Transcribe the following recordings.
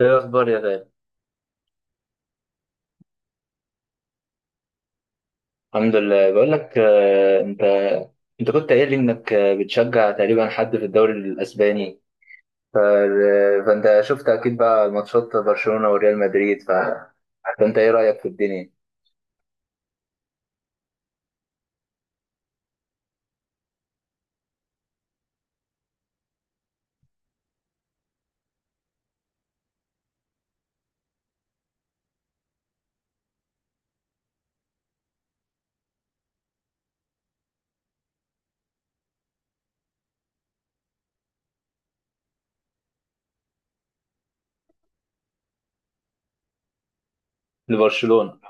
ايه الاخبار يا غالي؟ الحمد لله. بقول لك، انت كنت قايل لي انك بتشجع تقريبا حد في الدوري الاسباني. ف... آه، فانت شفت اكيد بقى ماتشات برشلونة وريال مدريد. فانت ايه رايك في الدنيا؟ لبرشلونة.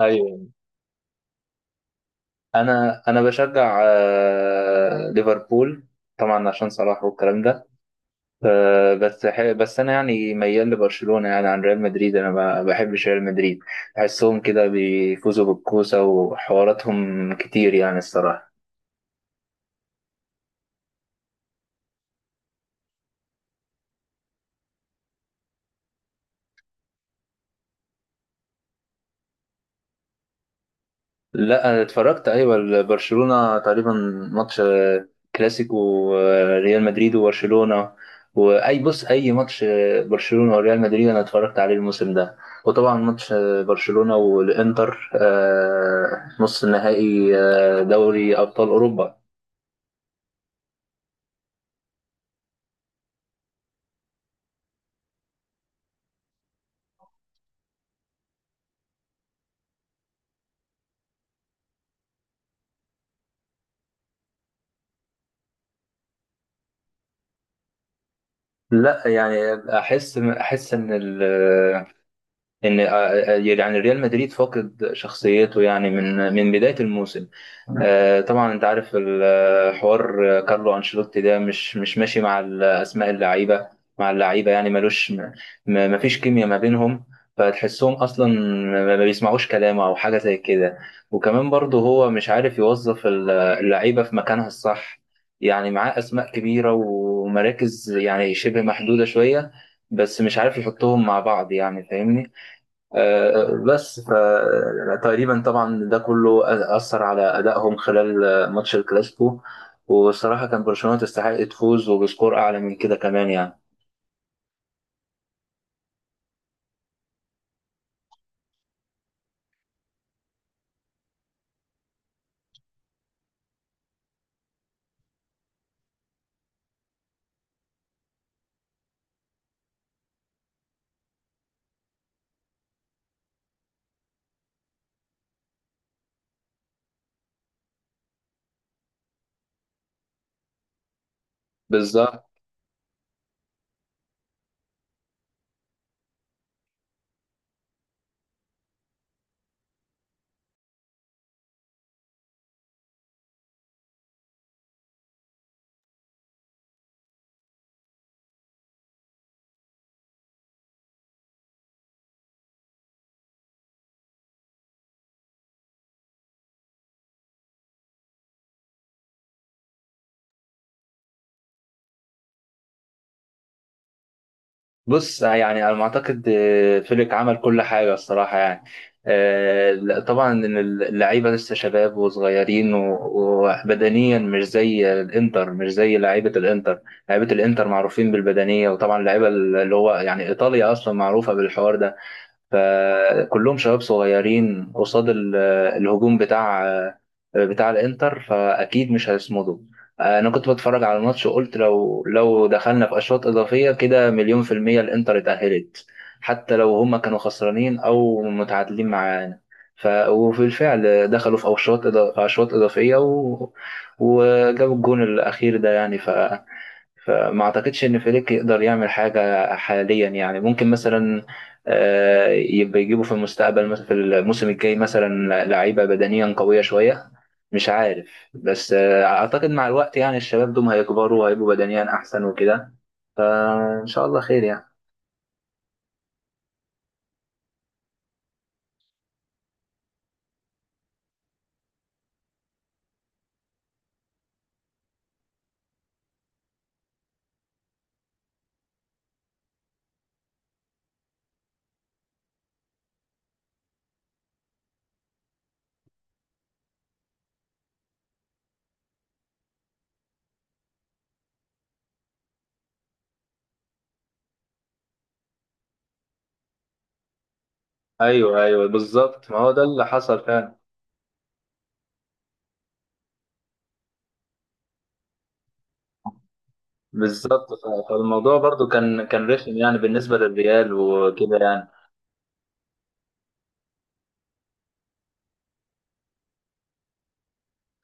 ايوه، انا بشجع ليفربول، طبعا عشان صلاح والكلام ده. بس انا يعني ميال لبرشلونه يعني، عن ريال مدريد. انا ما بحبش ريال مدريد، بحسهم كده بيفوزوا بالكوسه وحواراتهم كتير يعني الصراحه. لا، انا اتفرجت، ايوه، برشلونه تقريبا ماتش، كلاسيكو ريال مدريد وبرشلونه. واي، بص، اي ماتش برشلونه وريال مدريد انا اتفرجت عليه الموسم ده. وطبعا ماتش برشلونه والانتر، نص النهائي دوري ابطال اوروبا. لا يعني احس ان يعني ريال مدريد فاقد شخصيته يعني، من بدايه الموسم. طبعا انت عارف الحوار، كارلو انشيلوتي ده مش ماشي مع اسماء اللعيبه، مع اللعيبه، يعني ملوش مفيش كيمياء ما بينهم. فتحسهم اصلا ما بيسمعوش كلامه او حاجه زي كده. وكمان برضه هو مش عارف يوظف اللعيبه في مكانها الصح. يعني معاه اسماء كبيره ومراكز يعني شبه محدوده شويه، بس مش عارف يحطهم مع بعض، يعني فاهمني. بس فتقريبا طبعا ده كله أثر على أدائهم خلال ماتش الكلاسيكو. والصراحة كان برشلونة تستحق تفوز وبسكور أعلى من كده كمان يعني. بالظبط. بص يعني أنا ما أعتقد فليك عمل كل حاجة الصراحة يعني. لا، طبعا إن اللعيبة لسه شباب وصغيرين وبدنيا مش زي الإنتر، مش زي لعيبة الإنتر. لعيبة الإنتر معروفين بالبدنية، وطبعا اللعيبة اللي هو يعني إيطاليا أصلا معروفة بالحوار ده. فكلهم شباب صغيرين قصاد الهجوم بتاع الانتر، فاكيد مش هيصمدوا. انا كنت بتفرج على الماتش وقلت لو دخلنا في اشواط اضافيه كده، مليون في الميه الانتر اتاهلت، حتى لو هما كانوا خسرانين او متعادلين معانا. وفي الفعل دخلوا في اشواط اضافيه وجابوا الجون الاخير ده يعني. فما اعتقدش ان فليك يقدر يعمل حاجه حاليا يعني. ممكن مثلا يبقى يجيبوا في المستقبل مثلا، في الموسم الجاي مثلا، لعيبه بدنيا قويه شويه. مش عارف، بس اعتقد مع الوقت يعني الشباب دول هيكبروا وهيبقوا بدنيا احسن وكده، فان شاء الله خير يعني. ايوه، ايوه، بالظبط، ما هو ده اللي حصل فعلا. بالظبط، فالموضوع برضو كان رخم يعني بالنسبه للريال وكده يعني.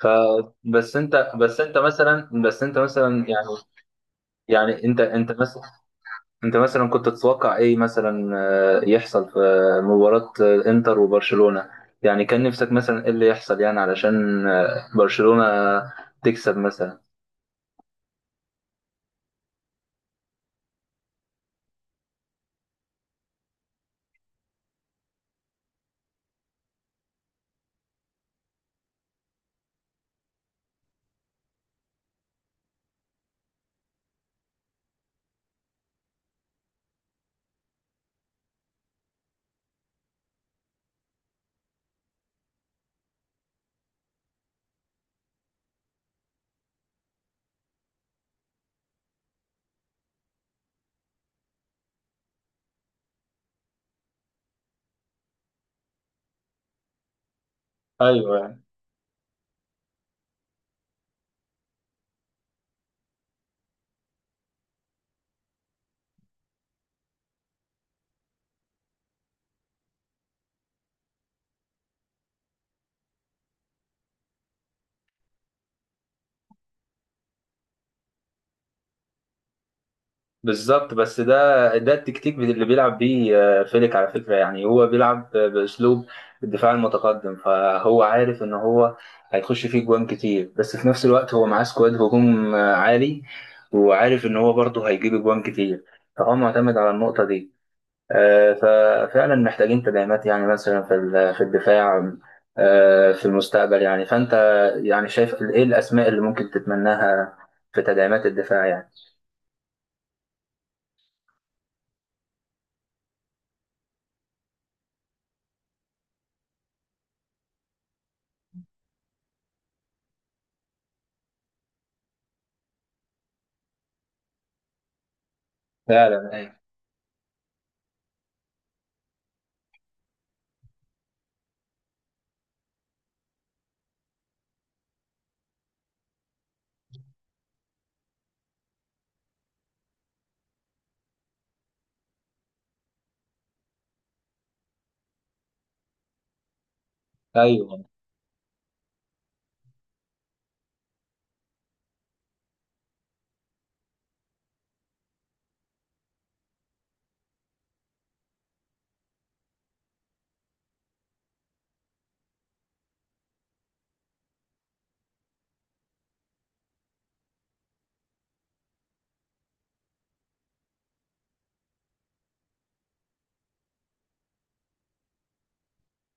ف بس انت مثلا يعني، يعني انت مثلا، انت مثلا كنت تتوقع ايه مثلا يحصل في مباراة انتر وبرشلونة. يعني كان نفسك مثلا ايه اللي يحصل يعني، علشان برشلونة تكسب مثلا. ايوه، بالظبط. بس ده، ده التكتيك اللي بيلعب بيه فيليك على فكرة. يعني هو بيلعب بأسلوب الدفاع المتقدم، فهو عارف إن هو هيخش فيه جوان كتير. بس في نفس الوقت هو معاه سكواد هجوم عالي، وعارف إن هو برضه هيجيب جوان كتير، فهو معتمد على النقطة دي. آه، ففعلا محتاجين تدعيمات يعني، مثلا في في الدفاع في المستقبل يعني. فأنت يعني شايف إيه الأسماء اللي ممكن تتمناها في تدعيمات الدفاع يعني؟ فعلا، أيوه، أيوه،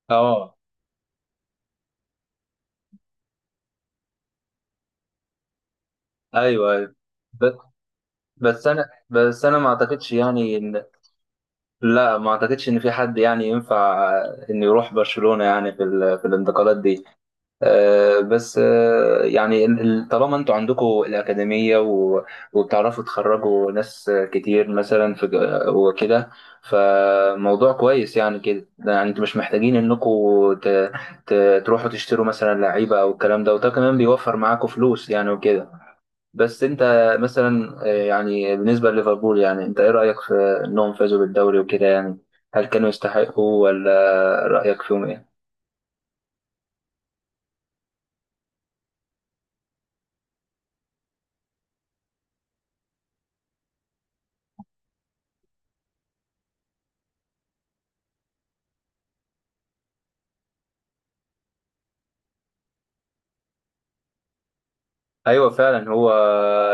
اه، ايوه، ايوه. ب- بس انا ما اعتقدش يعني ان، لا، ما اعتقدش ان في حد يعني ينفع ان يروح برشلونة يعني في في الانتقالات دي. بس يعني طالما انتوا عندكم الاكاديمية وبتعرفوا تخرجوا ناس كتير مثلا في وكده، فموضوع كويس يعني كده. يعني انتوا مش محتاجين انكم ت... ت... تروحوا تشتروا مثلا لعيبة او الكلام ده، وده كمان بيوفر معاكم فلوس يعني وكده. بس انت مثلا يعني بالنسبة لليفربول، يعني انت ايه رأيك في انهم فازوا بالدوري وكده يعني؟ هل كانوا يستحقوا، ولا رأيك فيهم ايه؟ ايوه، فعلا، هو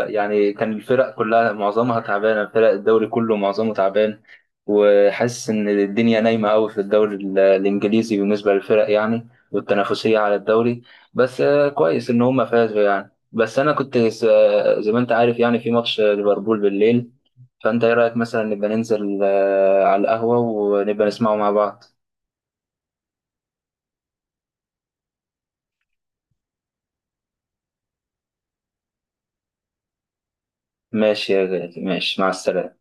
يعني كان الفرق كلها معظمها تعبانة، فرق الدوري كله معظمه تعبان. وحاسس ان الدنيا نايمة قوي في الدوري الانجليزي بالنسبة للفرق يعني، والتنافسية على الدوري. بس كويس ان هم فازوا يعني. بس انا كنت زي ما انت عارف يعني، في ماتش ليفربول بالليل، فأنت إيه رأيك مثلا نبقى ننزل على القهوة ونبقى نسمعه مع بعض؟ ماشي يا غالي، ماشي، مع السلامة.